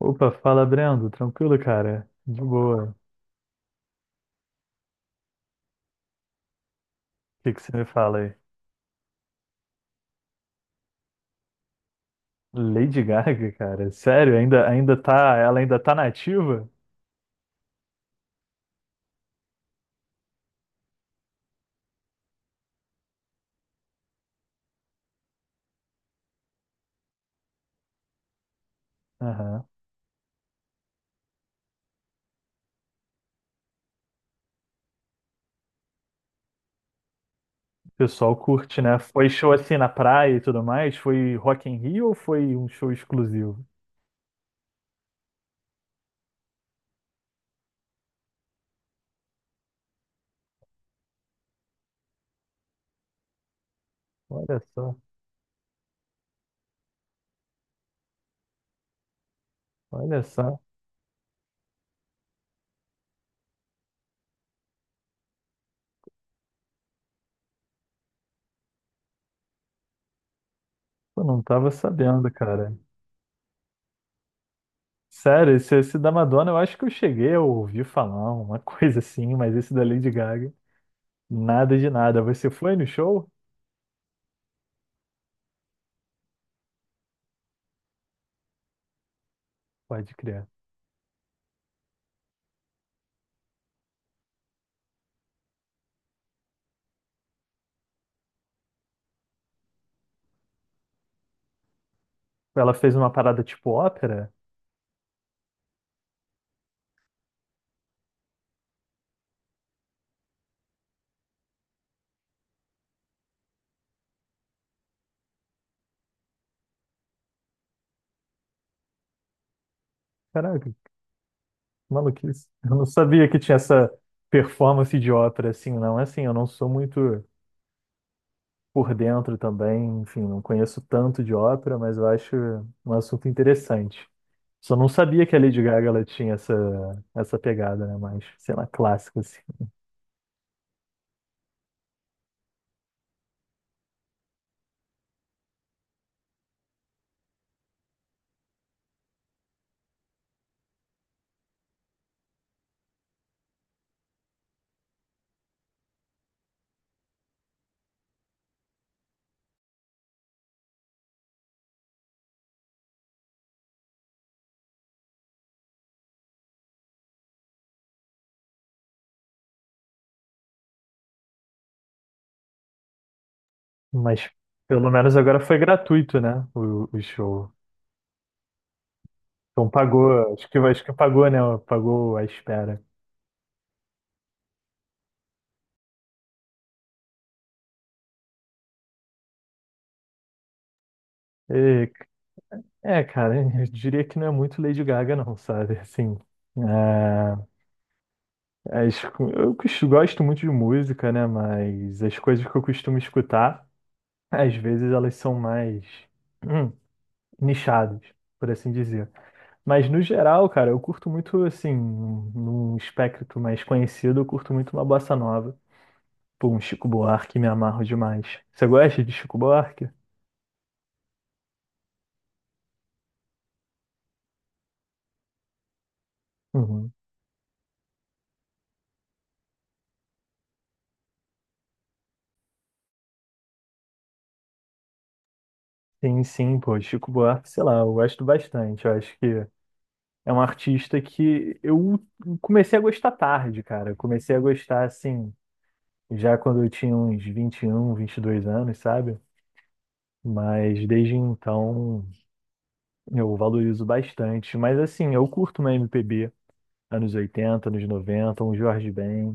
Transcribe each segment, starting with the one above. Opa, fala Brendo, tranquilo, cara? De boa. O que que você me fala aí? Lady Gaga, cara, sério? Ainda tá, ela ainda tá nativa? Aham. O pessoal curte, né? Foi show assim na praia e tudo mais? Foi Rock in Rio ou foi um show exclusivo? Olha só, olha só. Eu não tava sabendo, cara. Sério, esse da Madonna eu acho que eu cheguei a ouvir falar uma coisa assim, mas esse da Lady Gaga, nada de nada. Você foi no show? Pode crer. Ela fez uma parada tipo ópera? Caraca, que maluquice. Eu não sabia que tinha essa performance de ópera assim, não. É, assim, eu não sou muito por dentro também, enfim, não conheço tanto de ópera, mas eu acho um assunto interessante. Só não sabia que a Lady Gaga ela tinha essa pegada, né? Mais, sei lá, clássico, assim. Mas pelo menos agora foi gratuito, né? O show. Então pagou, acho que pagou, né? Pagou a espera. E, Cara, eu diria que não é muito Lady Gaga, não, sabe? Assim. é, As co- eu cos- Gosto muito de música, né? Mas as coisas que eu costumo escutar, às vezes elas são mais hum, nichadas, por assim dizer. Mas no geral, cara, eu curto muito, assim, num espectro mais conhecido, eu curto muito uma bossa nova. Pô, um Chico Buarque, me amarro demais. Você gosta de Chico Buarque? Uhum. Sim, sim, pô, Chico Buarque, sei lá, eu gosto bastante. Eu acho que é um artista que eu comecei a gostar tarde, cara. Eu comecei a gostar, assim. Já quando eu tinha uns 21, dois anos, sabe? Mas desde então eu valorizo bastante. Mas assim, eu curto uma MPB, anos 80 anos 90 um Jorge Ben,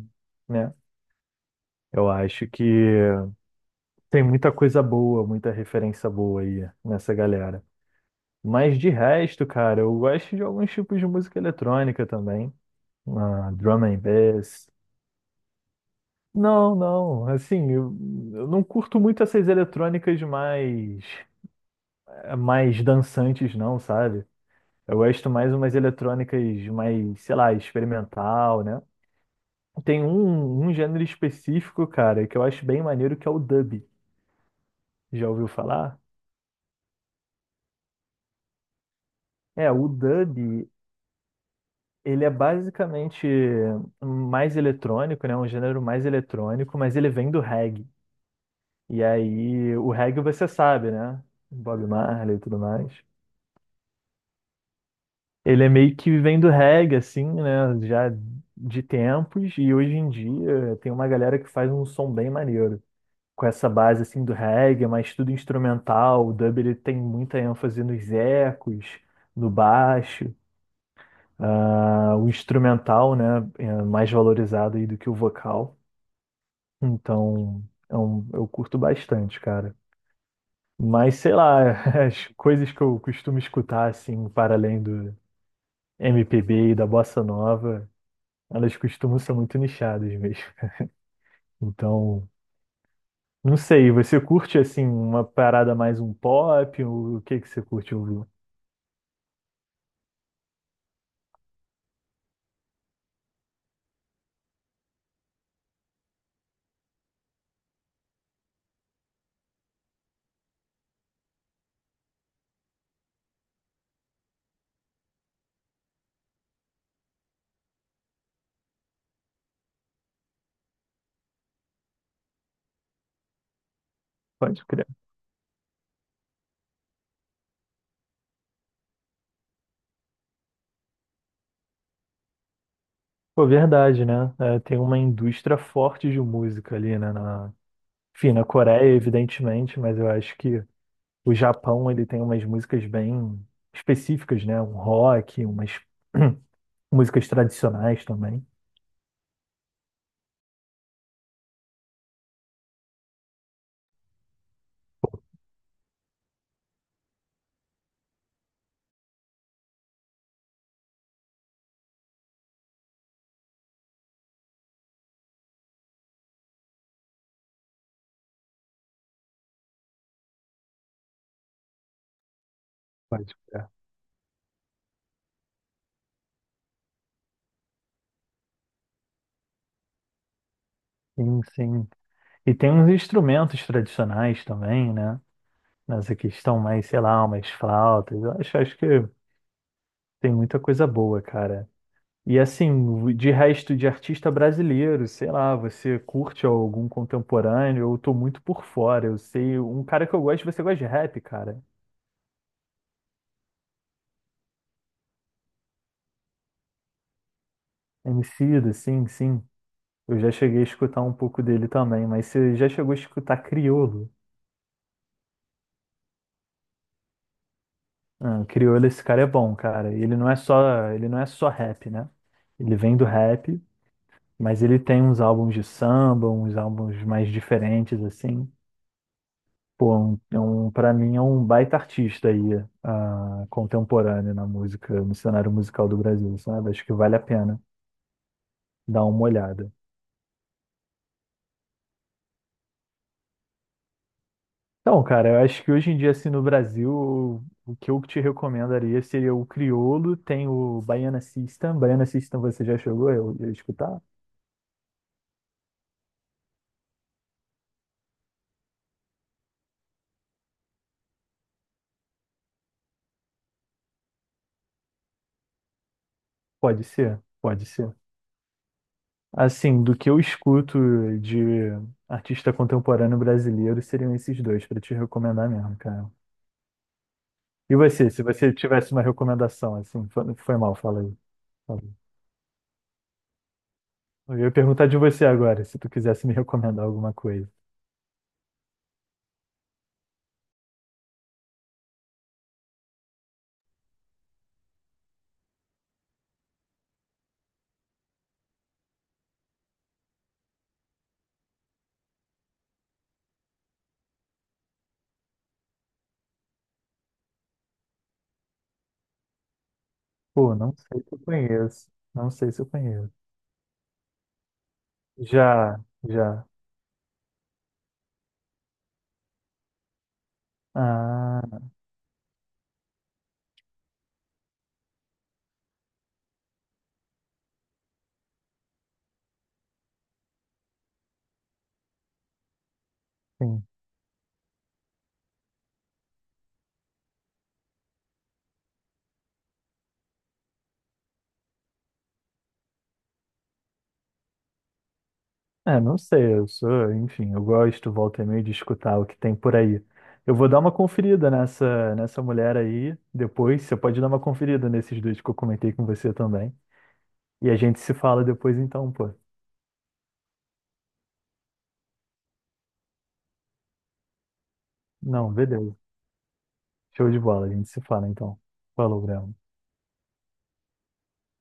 né? Eu acho que tem muita coisa boa, muita referência boa aí nessa galera. Mas de resto, cara, eu gosto de alguns tipos de música eletrônica também. Ah, drum and bass. Não, não, assim, eu não curto muito essas eletrônicas mais dançantes, não, sabe? Eu gosto mais umas eletrônicas mais, sei lá, experimental, né? Tem um gênero específico, cara, que eu acho bem maneiro, que é o dub. Já ouviu falar? É, o dub, ele é basicamente mais eletrônico, né? Um gênero mais eletrônico, mas ele vem do reggae. E aí, o reggae você sabe, né? Bob Marley e tudo mais. Ele é meio que vivendo reggae, assim, né? Já de tempos, e hoje em dia tem uma galera que faz um som bem maneiro. Com essa base, assim, do reggae, mas tudo instrumental. O dub, ele tem muita ênfase nos ecos, no baixo. O instrumental, né? É mais valorizado aí do que o vocal. Então, eu curto bastante, cara. Mas, sei lá, as coisas que eu costumo escutar, assim, para além do MPB e da bossa nova, elas costumam ser muito nichadas mesmo. Então, não sei, você curte assim uma parada mais um pop? O que que você curte ouvir? Pode crer. Pô, verdade, né? É, tem uma indústria forte de música ali, né? Enfim, na Coreia, evidentemente, mas eu acho que o Japão, ele tem umas músicas bem específicas, né? Um rock, umas músicas tradicionais também. Pode crer. Sim, sim. E tem uns instrumentos tradicionais também, né? Nessa questão mais, sei lá, umas flautas. Eu acho que tem muita coisa boa, cara. E assim, de resto de artista brasileiro, sei lá, você curte algum contemporâneo? Eu tô muito por fora. Eu sei, um cara que eu gosto, você gosta de rap, cara? Emicida, sim, sim. Eu já cheguei a escutar um pouco dele também, mas você já chegou a escutar Criolo? Ah, Criolo, esse cara é bom, cara. Ele não é só rap, né? Ele vem do rap, mas ele tem uns álbuns de samba, uns álbuns mais diferentes, assim. Pô, pra mim é um baita artista aí, contemporâneo na música, no cenário musical do Brasil, sabe? Acho que vale a pena dar uma olhada. Então, cara, eu acho que hoje em dia, assim, no Brasil, o que eu te recomendaria seria o Criolo, tem o Baiana System. Baiana System você já chegou a escutar? Pode ser, pode ser. Assim, do que eu escuto de artista contemporâneo brasileiro, seriam esses dois para te recomendar mesmo, cara. E você, se você tivesse uma recomendação, assim, foi mal, fala aí. Eu ia perguntar de você agora, se tu quisesse me recomendar alguma coisa. Pô, não sei se eu conheço. Não sei se eu conheço. Já, já. Ah, sim. É, não sei, eu sou, enfim, eu gosto, volta e meia, de escutar o que tem por aí. Eu vou dar uma conferida nessa mulher aí, depois você pode dar uma conferida nesses dois que eu comentei com você também. E a gente se fala depois então, pô. Não, beleza. Show de bola, a gente se fala então. Falou, Graham.